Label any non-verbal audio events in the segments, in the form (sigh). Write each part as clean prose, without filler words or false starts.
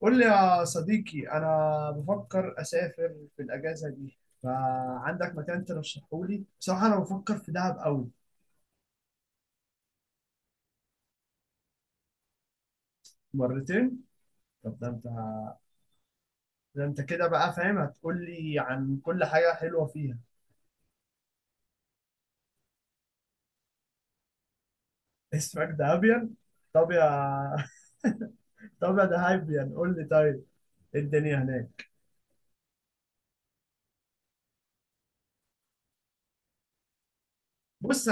قول لي يا صديقي، انا بفكر اسافر في الاجازه دي. فعندك مكان ترشحه لي؟ بصراحه انا بفكر في دهب قوي. مرتين؟ طب ده انت كده بقى فاهم، هتقول لي عن كل حاجه حلوه فيها. (laughs) اسمك دهبيان؟ طب يا (laughs) طب يا دهبيان قول لي، طيب إيه الدنيا هناك؟ بص،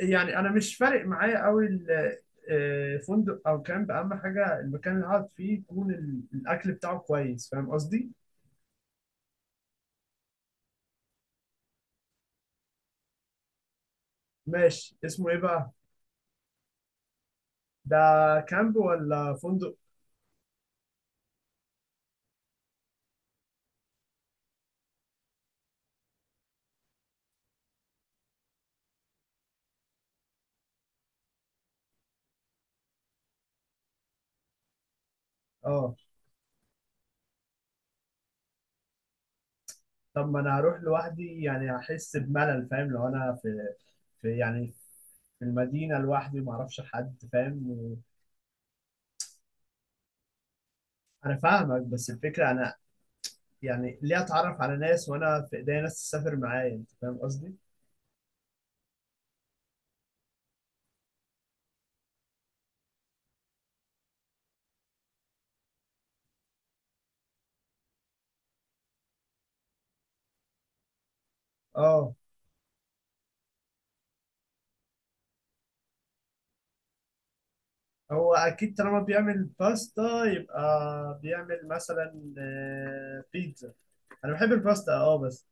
يعني انا مش فارق معايا قوي فندق او كامب. اهم حاجه المكان اللي هقعد فيه يكون الاكل بتاعه كويس، فاهم قصدي؟ ماشي، اسمه ايه بقى؟ ده كامب ولا فندق؟ اه. طب ما انا هروح لوحدي يعني هحس بملل، فاهم؟ لو انا في يعني في المدينه لوحدي ما اعرفش حد، فاهم؟ انا فاهمك بس الفكره انا، يعني ليه اتعرف على ناس وانا في ايديا ناس تسافر معايا؟ انت فاهم قصدي؟ اه. هو اكيد طالما بيعمل باستا يبقى بيعمل مثلا بيتزا. انا بحب الباستا، اه بس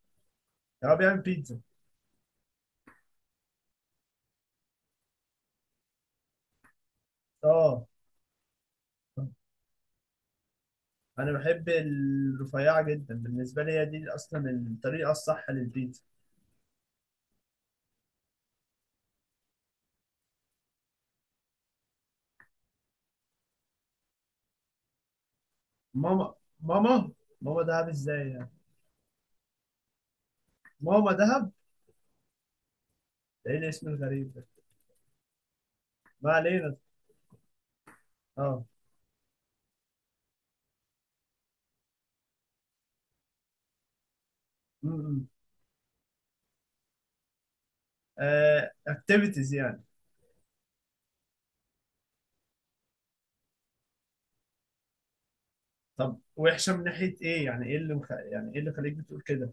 يعني هو بيعمل بيتزا؟ اه. انا بحب الرفيعه جدا، بالنسبه لي هي دي اصلا الطريقه الصح للبيتزا. ماما ماما ماما دهب ازاي يعني؟ ماما دهب؟ ده ايه الاسم الغريب ده؟ ما علينا. اه. امم اكتيفيتيز يعني؟ طب وحشه من ناحيه ايه؟ يعني ايه اللي خليك بتقول كده؟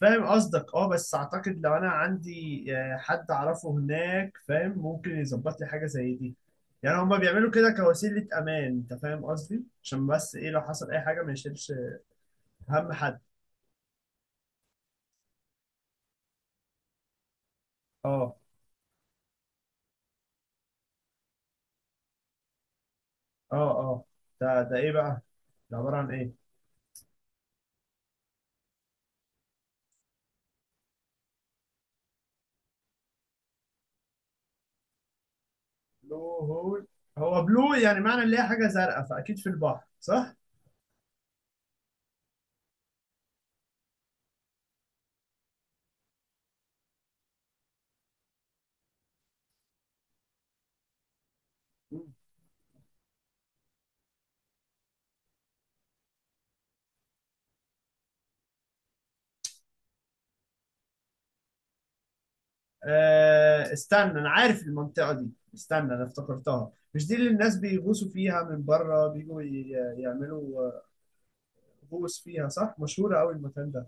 فاهم قصدك، اه بس اعتقد لو انا عندي حد اعرفه هناك فاهم، ممكن يظبط لي حاجه زي دي. يعني هما بيعملوا كده كوسيلة أمان. أنت فاهم قصدي؟ عشان بس إيه، لو حصل أي حاجة ما يشيلش. اهم حد. اه، اه. اه. ده ايه بقى؟ ده عباره عن ايه؟ بلو هول. هو بلو يعني معنى اللي هي حاجه زرقاء، فاكيد في البحر صح؟ مم. استنى، انا عارف المنطقه دي، استنى انا افتكرتها. مش دي اللي الناس بيغوصوا فيها من بره بيجوا يعملوا غوص فيها صح؟ مشهوره قوي المكان ده.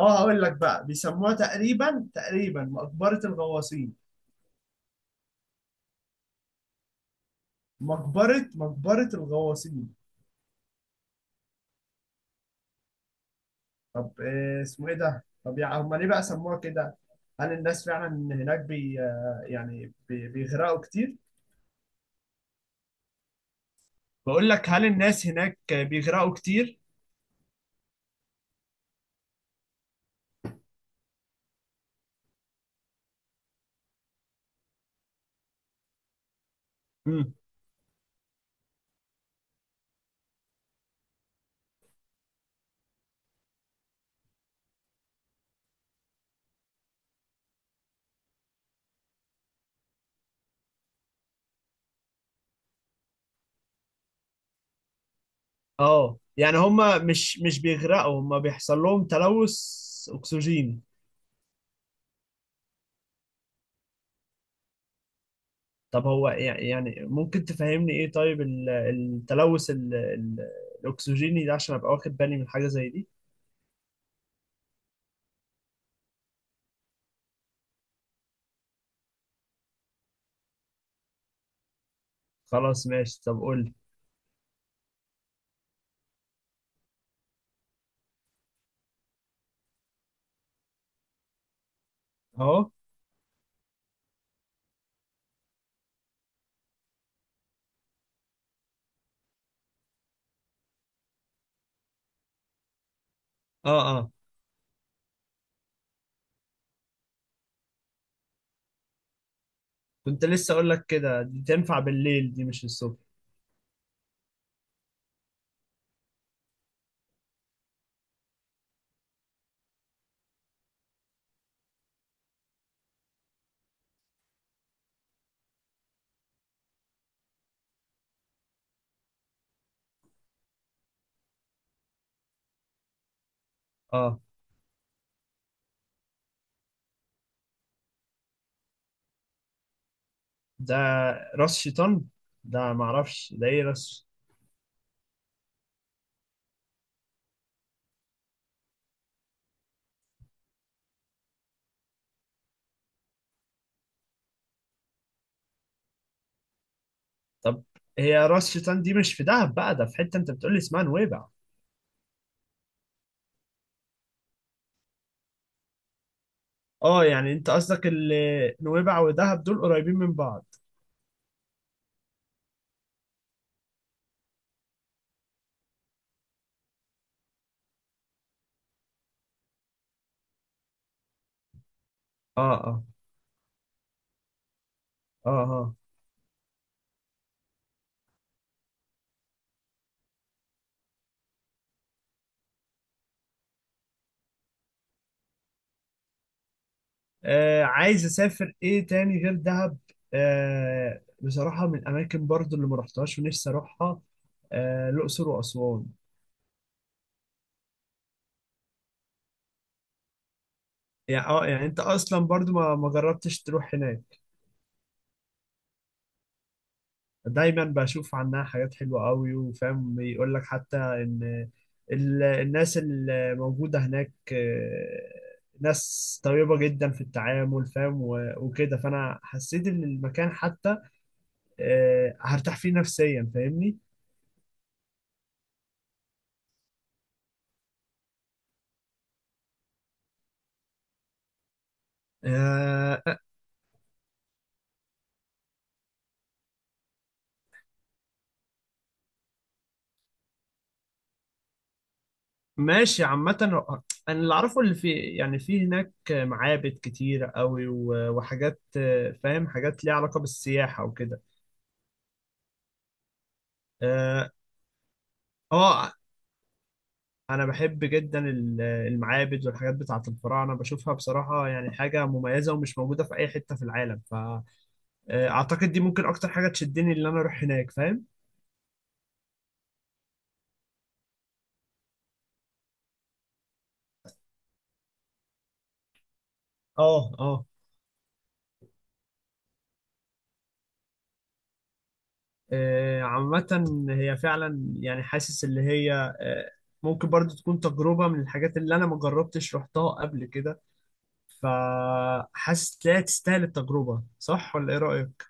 اه. هقول لك بقى بيسموها تقريبا تقريبا مقبره الغواصين. مقبره مقبره الغواصين. طب إيه اسمه ايه ده؟ طب يعني هم ليه بقى سموها كده؟ هل الناس فعلا هناك بي آه، يعني بي بيغرقوا كتير؟ بقول لك هل الناس هناك بيغرقوا كتير؟ امم. اه، يعني هم مش بيغرقوا، هم بيحصل لهم تلوث اكسجين. طب هو يعني ممكن تفهمني ايه طيب التلوث الاكسجيني ده، عشان ابقى واخد بالي من حاجة زي دي؟ خلاص ماشي، طب قول لي. اهو. اه، اه. كنت لسه اقول لك كده، دي تنفع بالليل دي مش الصبح. اه. ده راس شيطان؟ ده معرفش ده ايه راس. طب هي راس شيطان دي مش في دهب بقى، ده في حتة انت بتقولي اسمها نويبع. اه، يعني انت قصدك نويبع ودهب دول قريبين من بعض؟ اه، اه، اه، اه. عايز اسافر ايه تاني غير دهب؟ بصراحة من الاماكن برضو اللي ما رحتهاش ونفسي اروحها، الاقصر واسوان. يعني اه، يعني انت اصلا برضو ما جربتش تروح هناك؟ دايما بشوف عنها حاجات حلوة قوي، وفاهم بيقول لك حتى ان الناس اللي موجودة هناك ناس طيبة جدا في التعامل، فاهم؟ وكده فانا حسيت ان المكان حتى هرتاح فيه نفسيا، فاهمني؟ آه، ماشي، عامة انا اللي اعرفه، اللي في يعني في هناك معابد كتير قوي، وحاجات فاهم؟ حاجات ليها علاقة بالسياحة وكده. اه. انا بحب جدا المعابد والحاجات بتاعه الفراعنه، بشوفها بصراحه يعني حاجه مميزه ومش موجوده في اي حته في العالم. فاعتقد دي ممكن اكتر حاجه تشدني ان انا اروح هناك، فاهم؟ اه، اه. عامه هي فعلا يعني حاسس اللي هي آه، ممكن برضو تكون تجربه من الحاجات اللي انا ما جربتش رحتها قبل كده. فحاسس لا، تستاهل التجربه، صح ولا ايه رايك؟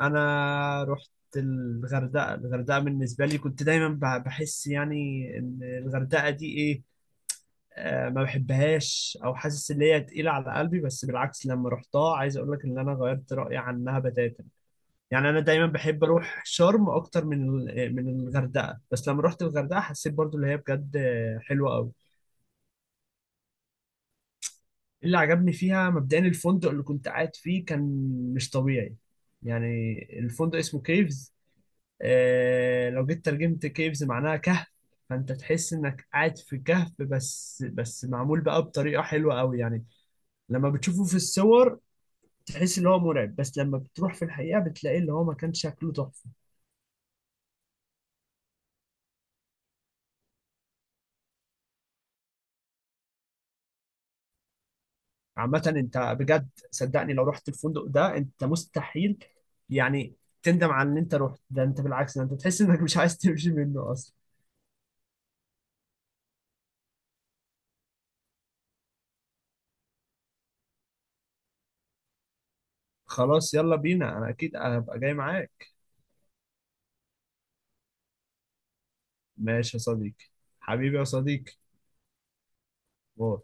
انا رحت الغردقه. الغردقه بالنسبه لي كنت دايما بحس يعني ان الغردقه دي ايه، ما بحبهاش او حاسس ان هي تقيله على قلبي. بس بالعكس لما رحتها عايز اقول لك ان انا غيرت رايي عنها بتاتا. يعني انا دايما بحب اروح شرم اكتر من من الغردقه، بس لما رحت الغردقه حسيت برضو ان هي بجد حلوه قوي. اللي عجبني فيها مبدئيا الفندق اللي كنت قاعد فيه، كان مش طبيعي يعني. الفندق اسمه كيفز، لو جيت ترجمت كيفز معناها كهف. فانت تحس انك قاعد في كهف، بس معمول بقى بطريقة حلوة قوي، يعني لما بتشوفه في الصور تحس ان هو مرعب، بس لما بتروح في الحقيقة بتلاقي اللي هو مكان شكله تحفة. عامة انت بجد صدقني، لو رحت الفندق ده انت مستحيل يعني تندم على ان انت رحت، ده انت بالعكس، ده انت تحس انك مش عايز تمشي منه اصلا. خلاص يلا بينا، انا اكيد هبقى جاي معاك. ماشي يا صديقي، حبيبي يا صديقي. باي.